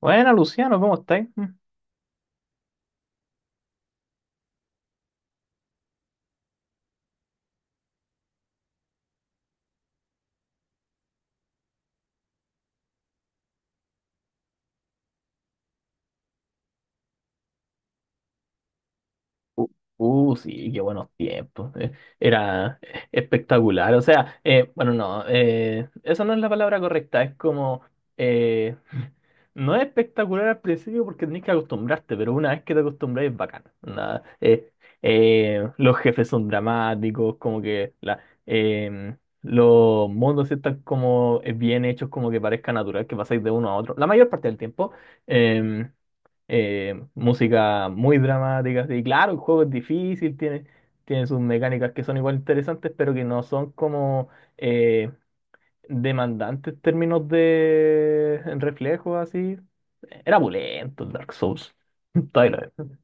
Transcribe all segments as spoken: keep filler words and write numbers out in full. Bueno, Luciano, ¿cómo estáis? Mm. Uh, uh, sí, qué buenos tiempos. eh. Era eh, espectacular. O sea, eh, bueno, no, eh, eso no es la palabra correcta. Es como, eh, no es espectacular al principio porque tenés que acostumbrarte, pero una vez que te acostumbras es bacán. Nada, eh, eh, los jefes son dramáticos, como que la, eh, los mundos están como eh, bien hechos, como que parezca natural que pasáis de uno a otro. La mayor parte del tiempo. em, eh, Música muy dramática. Y claro, el juego es difícil, tiene, tiene sus mecánicas que son igual interesantes, pero que no son como eh, demandantes en términos de reflejos, así. Era pulento el Dark Souls. Todavía lo es.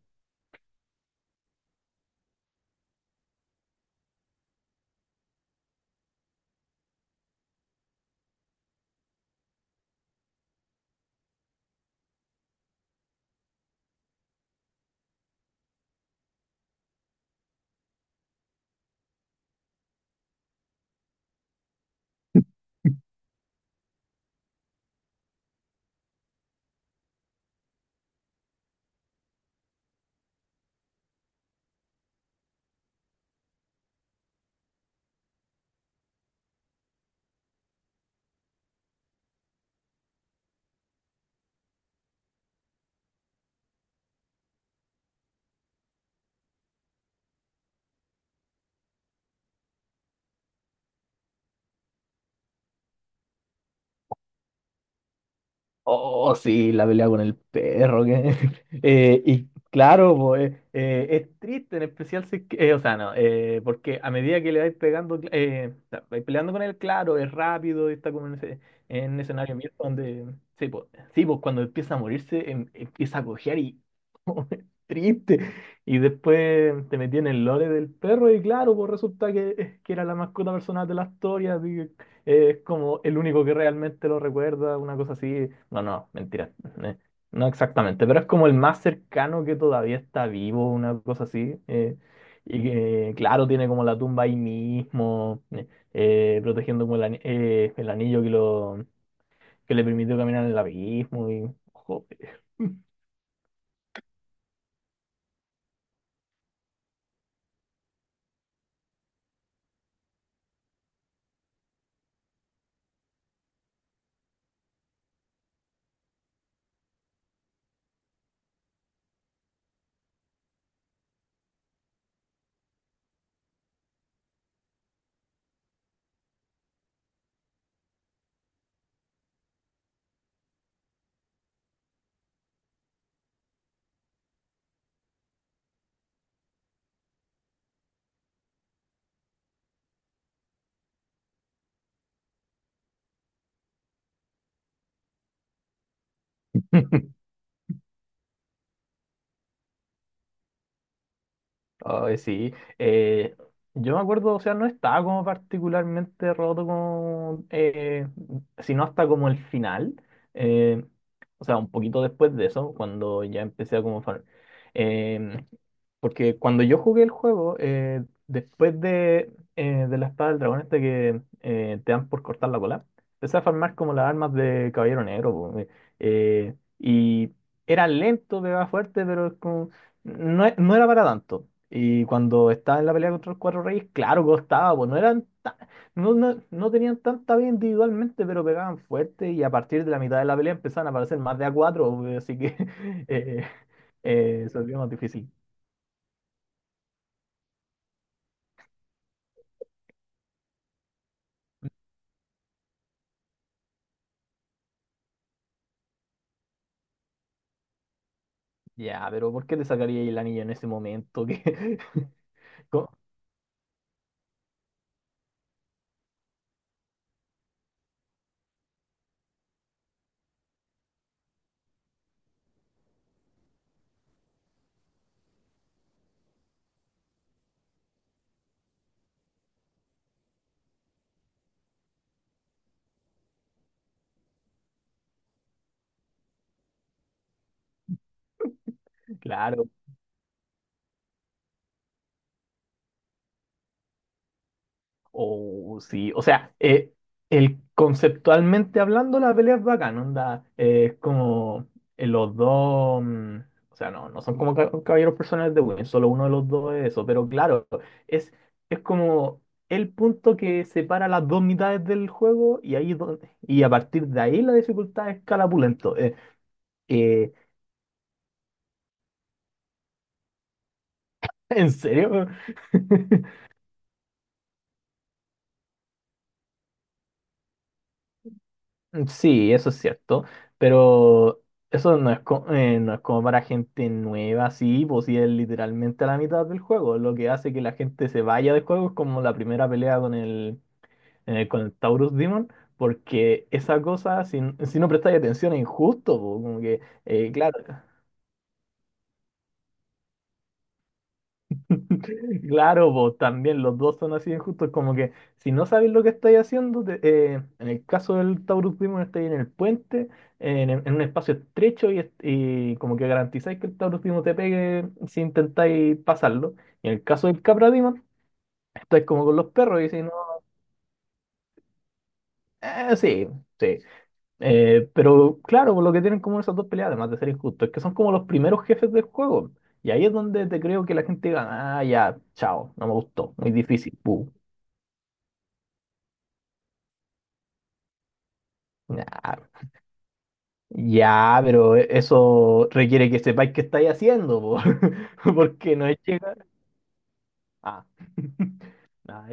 Oh, oh, sí, la pelea con el perro. Que- Eh, y claro, pues, eh, eh, es triste, en especial si es que- eh, o sea, no, eh, porque a medida que le vais pegando, cl- eh, o sea, vais peleando con él, claro, es rápido, está como en ese, en un escenario abierto donde, sí, pues, sí, pues, cuando empieza a morirse, em- empieza a cojear y es triste. Y después te metí en el lore del perro y claro, pues resulta que, eh, que era la mascota personal de la historia, es como el único que realmente lo recuerda, una cosa así. No, no, mentira. eh, No exactamente, pero es como el más cercano que todavía está vivo, una cosa así. Eh, y que, claro, tiene como la tumba ahí mismo, eh, eh, protegiendo como el, ani- eh, el anillo que, lo, que le permitió caminar en el abismo. Y, joder. Ay, sí. Eh, yo me acuerdo, o sea, no estaba como particularmente roto como, eh, sino hasta como el final. Eh, o sea, un poquito después de eso, cuando ya empecé a como farm. Em, Porque cuando yo jugué el juego, eh, después de, eh, de la espada del dragón este que eh, te dan por cortar la cola, empecé a farmar como las armas de Caballero Negro. Po. Eh, y era lento, pegaba fuerte, pero es como no, e- no era para tanto. Y cuando estaba en la pelea contra los Cuatro Reyes, claro, costaba, pues no eran ta- no, no, no tenían tanta vida individualmente, pero pegaban fuerte y a partir de la mitad de la pelea empezaban a aparecer más de a cuatro, pues, así que eh, eh, se volvió más difícil. Ya, pero ¿por qué te sacaría el anillo en ese momento? Que, Claro. Oh, sí, o sea, eh, el, conceptualmente hablando, la pelea es bacán, onda, eh, es como eh, los dos, mm, o sea, no, no son como ca- caballeros personales de Win, solo uno de los dos es eso, pero claro, es, es como el punto que separa las dos mitades del juego y ahí donde, y a partir de ahí la dificultad escala pulento. Eh, eh, ¿En serio? Mm, sí, eso es cierto, pero eso no es, co- eh, no es como para gente nueva, sí, pues sí es literalmente a la mitad del juego. Lo que hace que la gente se vaya del juego es como la primera pelea con el, en el- con el Taurus Demon, porque esa cosa, si, si no prestáis atención, es injusto, po, como que, eh, claro. Claro, vos también, los dos son así de injustos, como que si no sabéis lo que estáis haciendo, te- eh, en el caso del Taurus Primo estáis en el puente, en, en un espacio estrecho y, est- y como que garantizáis que el Taurus Primo te pegue si intentáis pasarlo. Y en el caso del Capra Demon, estáis como con los perros y si no, eh, sí, sí. Eh, pero claro, por lo que tienen como esas dos peleas, además de ser injustos, es que son como los primeros jefes del juego. Y ahí es donde te creo que la gente gana, ah, ya, chao, no me gustó, muy difícil, puh. Nah. Ya, pero e, eso requiere que sepáis qué estáis haciendo, po. Porque no es llegar. Ah. Nah.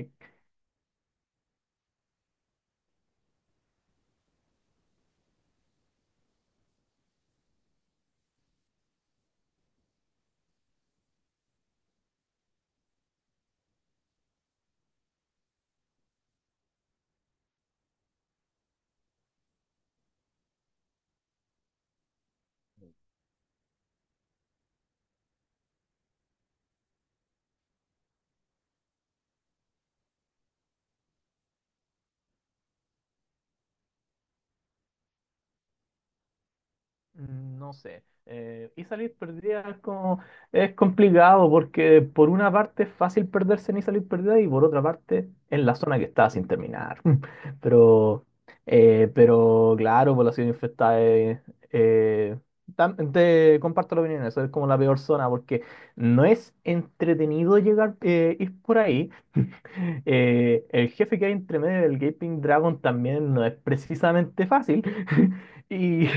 Mm. No sé. Eh, y salir perdida es como, es complicado porque por una parte es fácil perderse ni salir perdida y por otra parte es la zona que está sin terminar. Pero, eh, pero claro, población infectada es, eh, tam- te comparto la opinión, eso es como la peor zona porque no es entretenido llegar, eh, ir por ahí. Eh, el jefe que hay entre medio del Gaping Dragon también no es precisamente fácil. Y,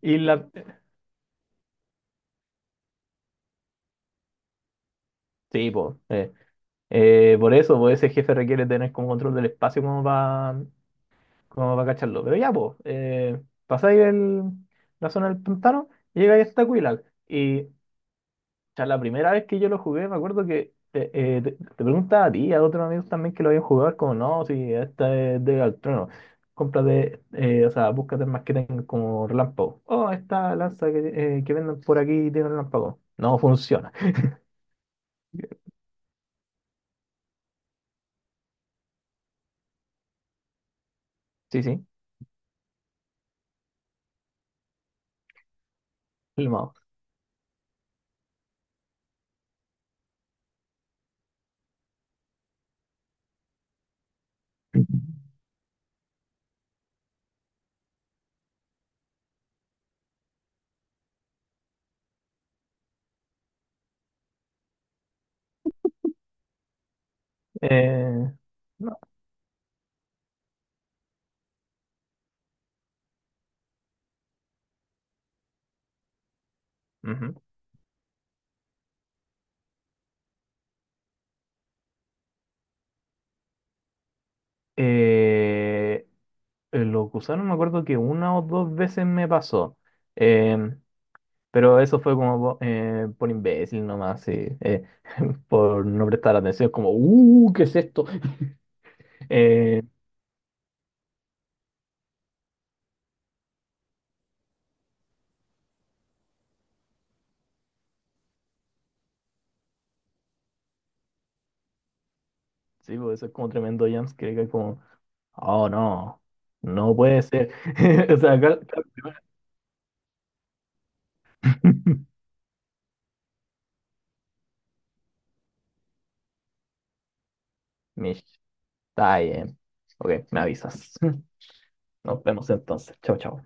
y la, Sí, pues, por eso, pues ese jefe requiere tener como control del espacio como para como pa cacharlo. Pero ya, pues, eh, pasáis el, la zona del pantano, llegáis hasta Quilac. Y ya la primera vez que yo lo jugué, me acuerdo que eh, eh, te, te preguntaba a ti y a otros amigos también que lo habían jugado, es como, no, si esta es de Galtrono. Cómprate, eh, o sea, búscate más que tengan como relámpago. Oh, esta lanza que, eh, que venden por aquí tiene relámpago. No funciona. Sí, sí, el Eh, no. Ujú. Eh, los gusanos me acuerdo que una o dos veces me pasó. Em, pero eso fue como po- eh, por imbécil nomás, sí, eh, por no prestar atención, como, uh, ¿qué es esto? Eh, sí, pues eso es como tremendo jumpscare, que es como, oh no, no puede ser. O sea, cal- cal- Mish, está bien. Ok, me avisas. Nos vemos entonces. Chao, chao.